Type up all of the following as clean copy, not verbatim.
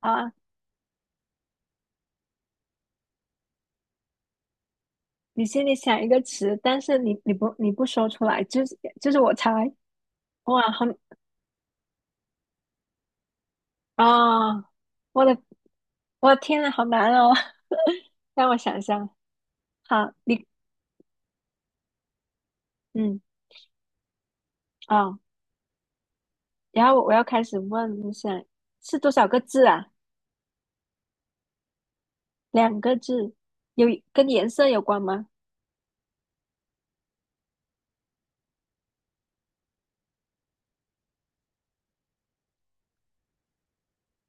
啊，你心里想一个词，但是你不说出来，就是我猜。哇，好啊、我的我的天呐，好难哦，让我想一下。好，你嗯啊，然后我要开始问，你想是多少个字啊？两个字，有跟颜色有关吗？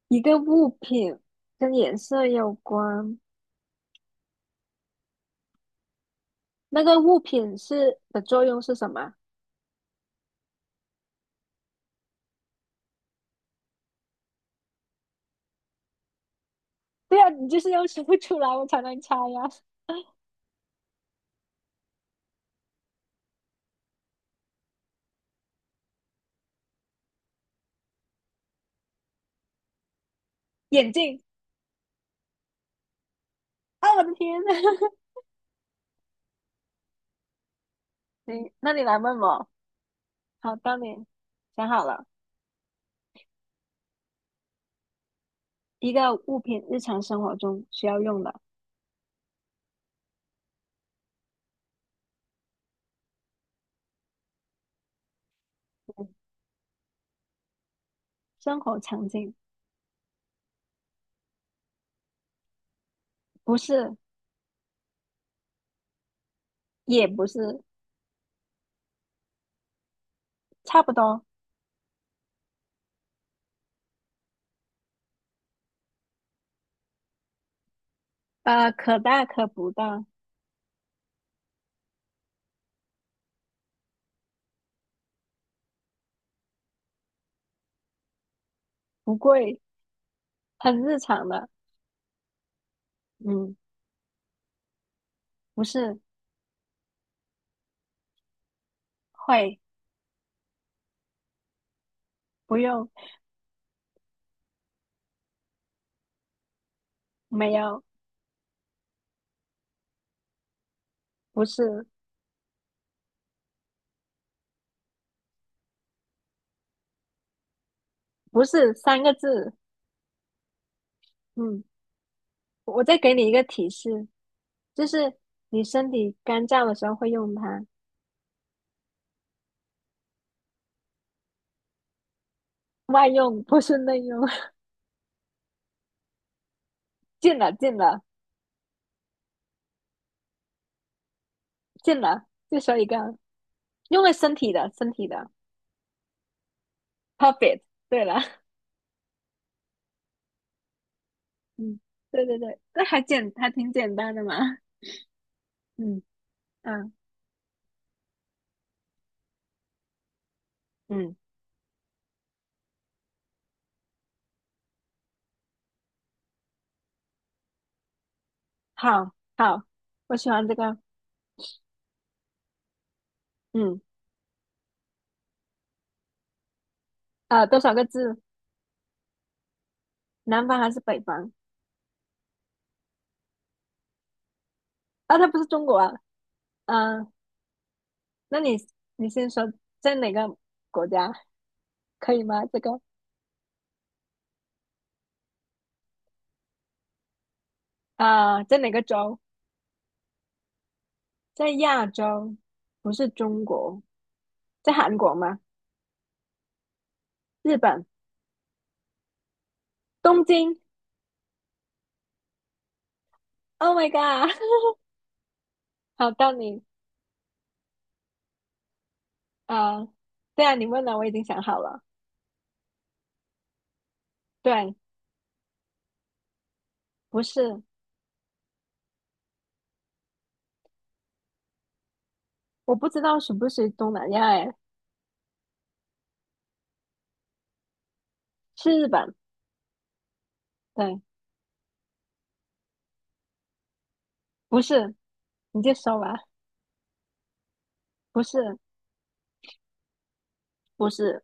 一个物品跟颜色有关，那个物品是的作用是什么？对啊，你就是要说不出来，我才能猜呀、眼镜。啊，我的天呐！行，那你来问我。好，当你。想好了，一个物品日常生活中需要用的生活场景，不是，也不是，差不多。可大可不大，不贵，很日常的。嗯，不是，会，不用，没有，不是，不是三个字。嗯，我再给你一个提示，就是你身体干燥的时候会用它，外用不是内用。进了，进了，进了，就说一个。用在身体的，身体的，perfect。对了，嗯，对对对，这还简还挺简单的嘛。嗯嗯嗯，好好，我喜欢这个。嗯啊、多少个字？南方还是北方？啊，它不是中国啊。嗯、那你你先说在哪个国家可以吗？这个啊、在哪个州？在亚洲，不是中国，在韩国吗？日本，东京。Oh my god!好，到你。啊，对啊，你问了，我已经想好了。对，不是，我不知道是不是东南亚，哎，是日本。对，不是，你就说吧。不是，不是，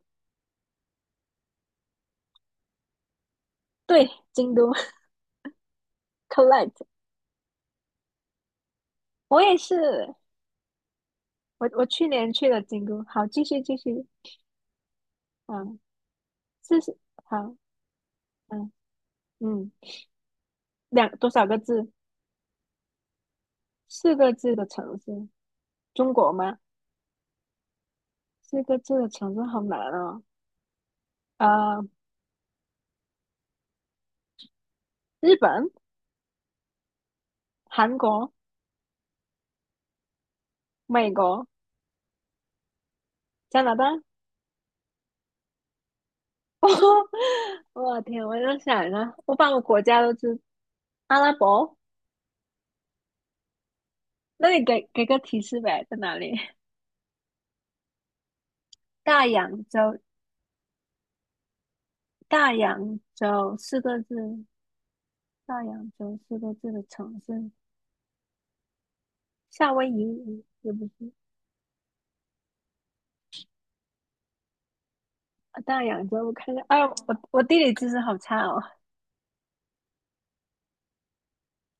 对，京都，collect。 我也是，我去年去了京都。好，继续继续。嗯，四十，好，嗯嗯，两多少个字？四个字的城市，中国吗？四个字的城市好难哦。呃，日本、韩国、美国、加拿大。我的天！我就想一下，我把个国家都知阿拉伯，那你给给个提示呗，在哪里？大洋洲，大洋洲四个字，大洋洲四个字的城市，夏威夷也不是。啊，大洋洲，我看一下，哎呦，我地理知识好差哦。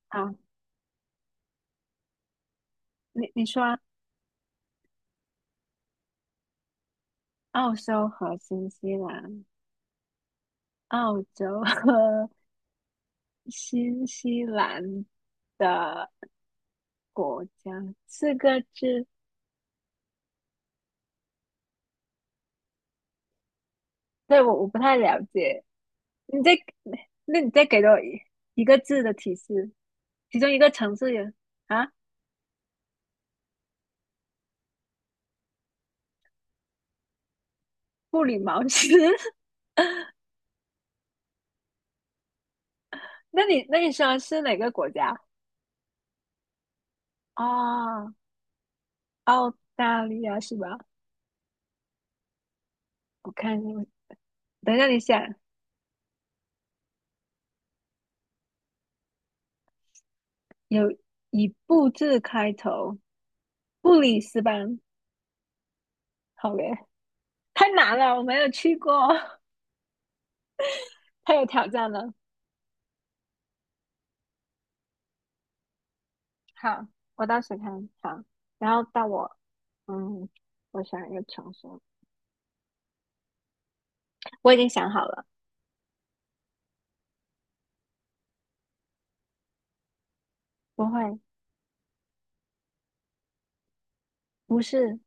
好，你你说啊澳洲和新西兰，澳洲和 新西兰的国家，四个字对，我不太了解。你再，那你再给我一个字的提示，其中一个城市有啊，布里茅斯。那你那你说是哪个国家？哦，澳大利亚是吧？我看一下，等一下，你想有以布字开头，布里斯班。好嘞，太难了，我没有去过，太有挑战了。好，我到时看？好，然后到我，嗯，我想一个城市，我已经想好了，不会。不是，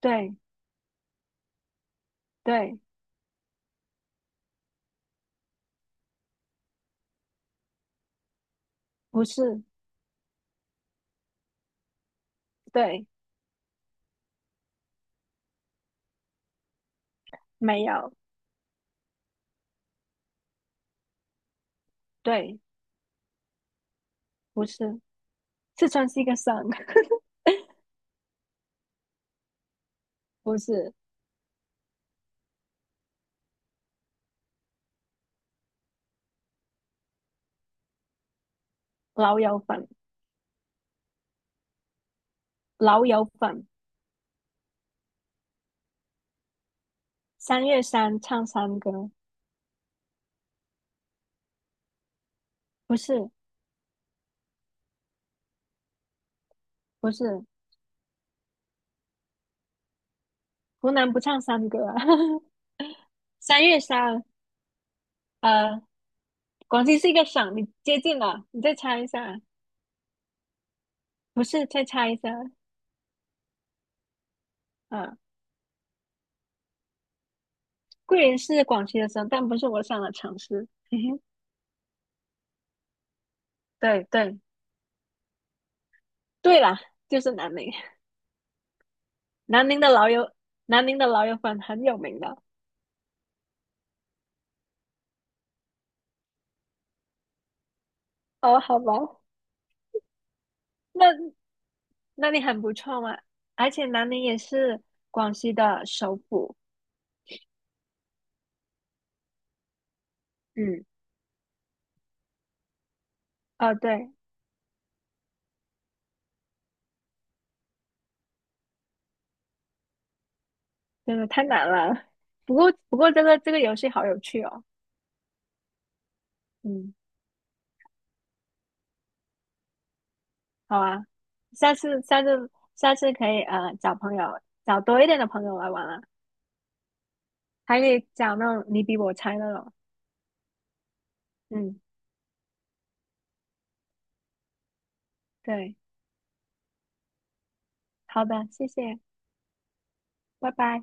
对对，不是，对，没有，对，不是，四川是一个省，不是，老友粉，老友粉，三月三唱山歌，不是，不是，湖南不唱山歌啊 三月三，呃，广西是一个省，你接近了，你再猜一下，不是，再猜一下，啊、桂林是广西的省，但不是我上的城市，嘿嘿，对对对啦，就是南宁，南宁的老友，南宁的老友粉很有名的。哦，好吧，那那你很不错嘛。而且南宁也是广西的首府。嗯，哦，对，真的太难了。不过这个游戏好有趣哦。嗯，好啊，下次下次下次可以找朋友，找多一点的朋友来玩啊，还可以找那种你比我猜那种。嗯，对，好的，谢谢，拜拜。